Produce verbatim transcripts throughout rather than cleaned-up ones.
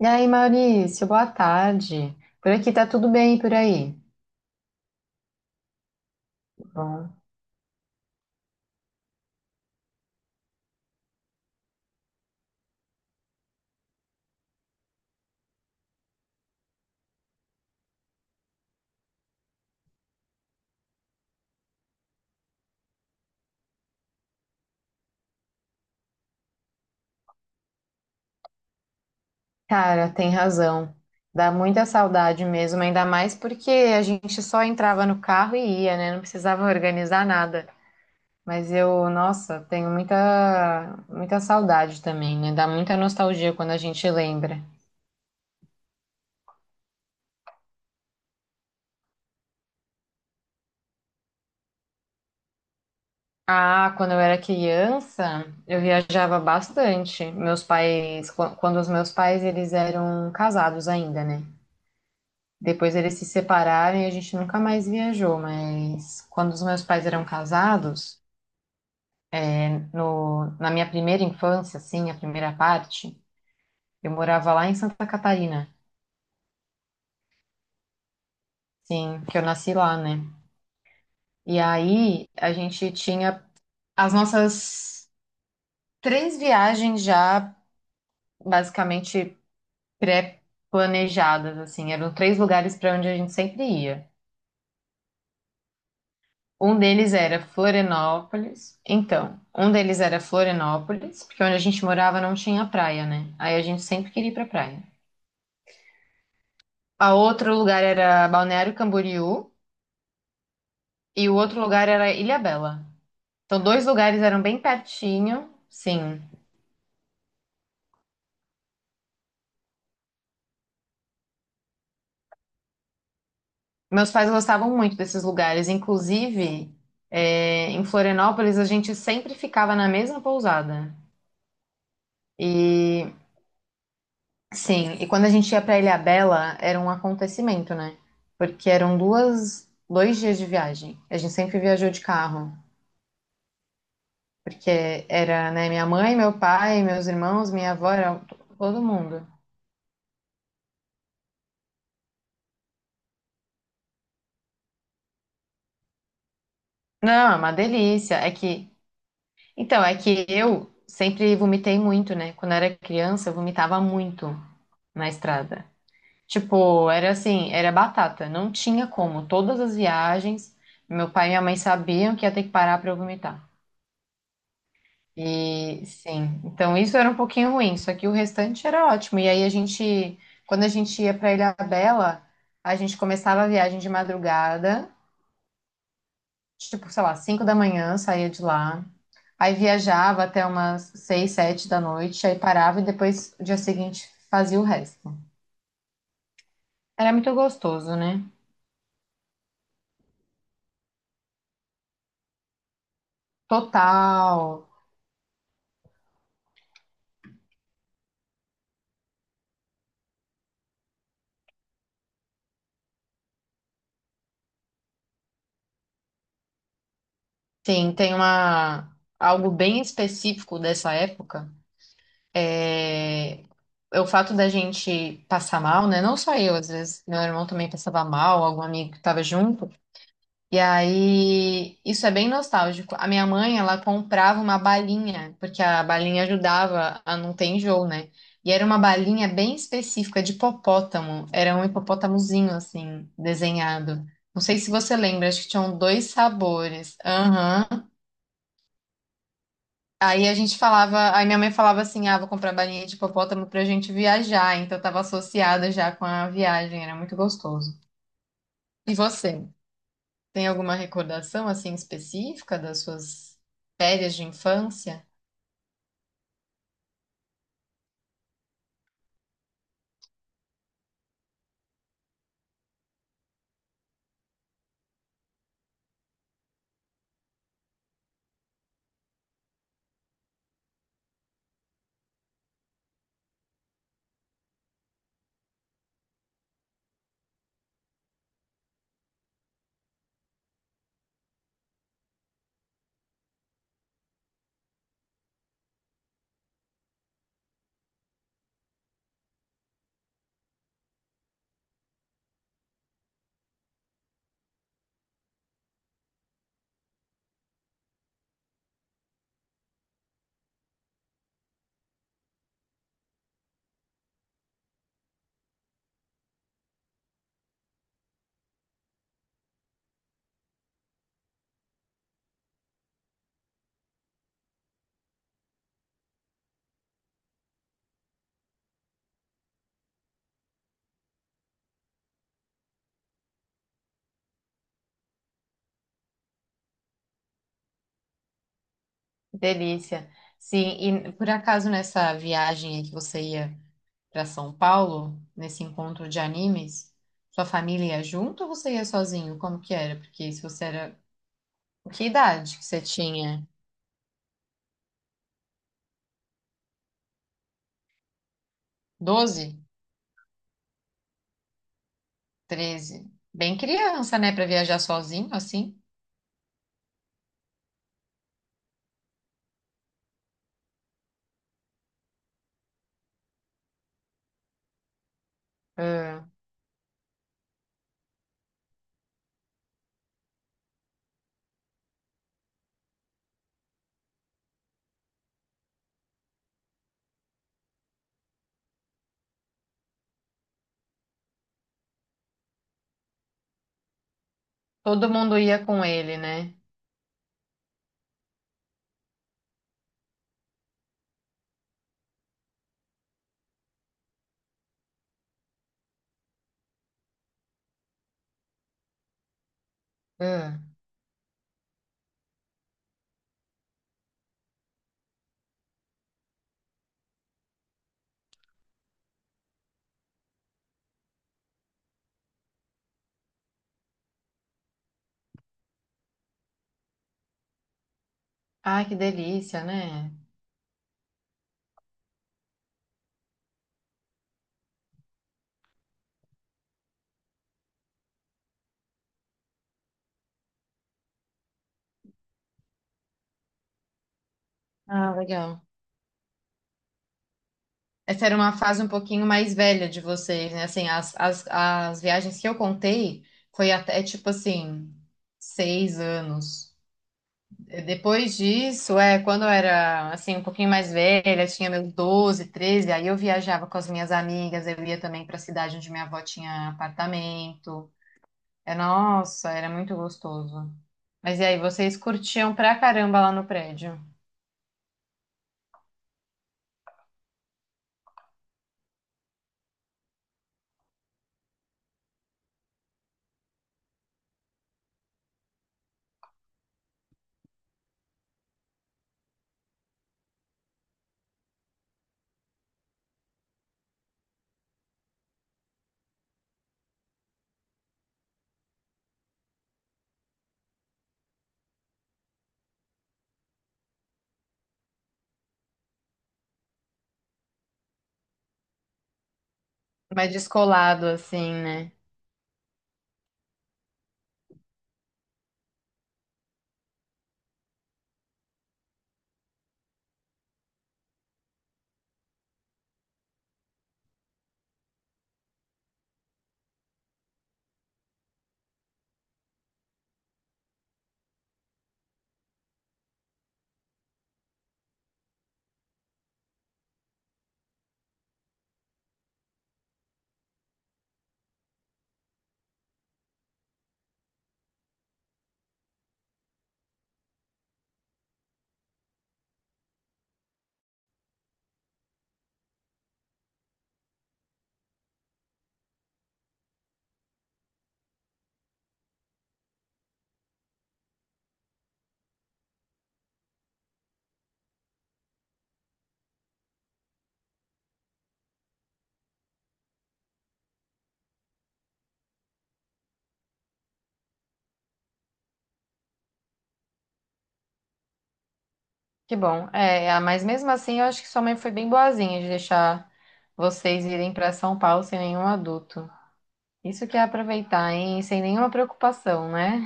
E aí, Maurício, boa tarde. Por aqui tá tudo bem, e por aí. Bom, Cara, tem razão. Dá muita saudade mesmo, ainda mais porque a gente só entrava no carro e ia, né? Não precisava organizar nada. Mas eu, nossa, tenho muita, muita saudade também, né? Dá muita nostalgia quando a gente lembra. Ah, quando eu era criança, eu viajava bastante. Meus pais, quan- quando os meus pais, eles eram casados ainda, né? Depois eles se separaram e a gente nunca mais viajou, mas quando os meus pais eram casados, no- na minha primeira infância, assim, a primeira parte, eu morava lá em Santa Catarina, sim, que eu nasci lá, né? E aí a gente tinha as nossas três viagens já basicamente pré-planejadas, assim, eram três lugares para onde a gente sempre ia. Um deles era Florianópolis. Então, um deles era Florianópolis, porque onde a gente morava não tinha praia, né? Aí a gente sempre queria ir pra praia. A outro lugar era Balneário Camboriú e o outro lugar era Ilhabela. Então, dois lugares eram bem pertinho, sim. Meus pais gostavam muito desses lugares. Inclusive, é, em Florianópolis, a gente sempre ficava na mesma pousada. E sim, e quando a gente ia para Ilhabela, era um acontecimento, né? Porque eram duas, dois dias de viagem. A gente sempre viajou de carro, porque era, né, minha mãe, meu pai, meus irmãos, minha avó, era to- todo mundo. Não, é uma delícia. É que, então, é que eu sempre vomitei muito, né? Quando eu era criança, eu vomitava muito na estrada. Tipo, era assim, era batata, não tinha como. Todas as viagens, meu pai e minha mãe sabiam que ia ter que parar para eu vomitar. E sim, então isso era um pouquinho ruim, só que o restante era ótimo. E aí a gente, quando a gente ia para Ilhabela, a gente começava a viagem de madrugada, tipo, sei lá, cinco da manhã, saía de lá. Aí viajava até umas seis, sete da noite, aí parava e depois no dia seguinte fazia o resto. Era muito gostoso, né? Total. Sim, tem uma algo bem específico dessa época. É, é o fato da gente passar mal, né? Não só eu, às vezes meu irmão também passava mal, algum amigo que estava junto. E aí, isso é bem nostálgico. A minha mãe, ela comprava uma balinha, porque a balinha ajudava a não ter enjoo, né? E era uma balinha bem específica de hipopótamo. Era um hipopótamozinho, assim, desenhado. Não sei se você lembra, acho que tinham dois sabores. Aham. Aí a gente falava, aí minha mãe falava assim, ah, vou comprar balinha de hipopótamo pra gente viajar, então eu tava associada já com a viagem, era muito gostoso. E você, tem alguma recordação assim específica das suas férias de infância? Delícia. Sim, e por acaso nessa viagem aí que você ia para São Paulo, nesse encontro de animes, sua família ia junto ou você ia sozinho? Como que era? Porque se você era, que idade que você tinha? Doze. Treze. Bem criança, né, pra viajar sozinho assim. Ah, todo mundo ia com ele, né? Ah, ai, que delícia, né? Ah, legal. Essa era uma fase um pouquinho mais velha de vocês, né? Assim, as, as, as viagens que eu contei foi até tipo assim, seis anos. Depois disso, é, quando eu era assim, um pouquinho mais velha, tinha meus doze treze, aí eu viajava com as minhas amigas, eu ia também para a cidade onde minha avó tinha apartamento. É, nossa, era muito gostoso. Mas e aí, vocês curtiam pra caramba lá no prédio? Mais descolado, assim, né? Que bom. É, ah, mas mesmo assim, eu acho que sua mãe foi bem boazinha de deixar vocês irem pra São Paulo sem nenhum adulto. Isso que é aproveitar, hein? Sem nenhuma preocupação, né?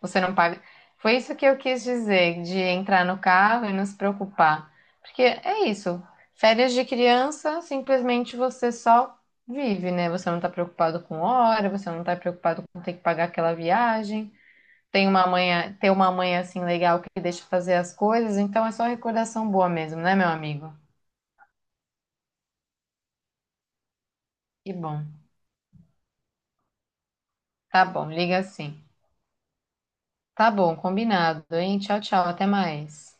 Você não paga. Foi isso que eu quis dizer, de entrar no carro e não se preocupar. Porque é isso. Férias de criança, simplesmente você só vive, né? Você não tá preocupado com hora, você não tá preocupado com ter que pagar aquela viagem. Tem uma mãe, ter uma mãe assim legal que deixa fazer as coisas, então é só recordação boa mesmo, né, meu amigo? Que bom. Tá bom, liga assim. Tá bom, combinado, hein? Tchau, tchau, até mais.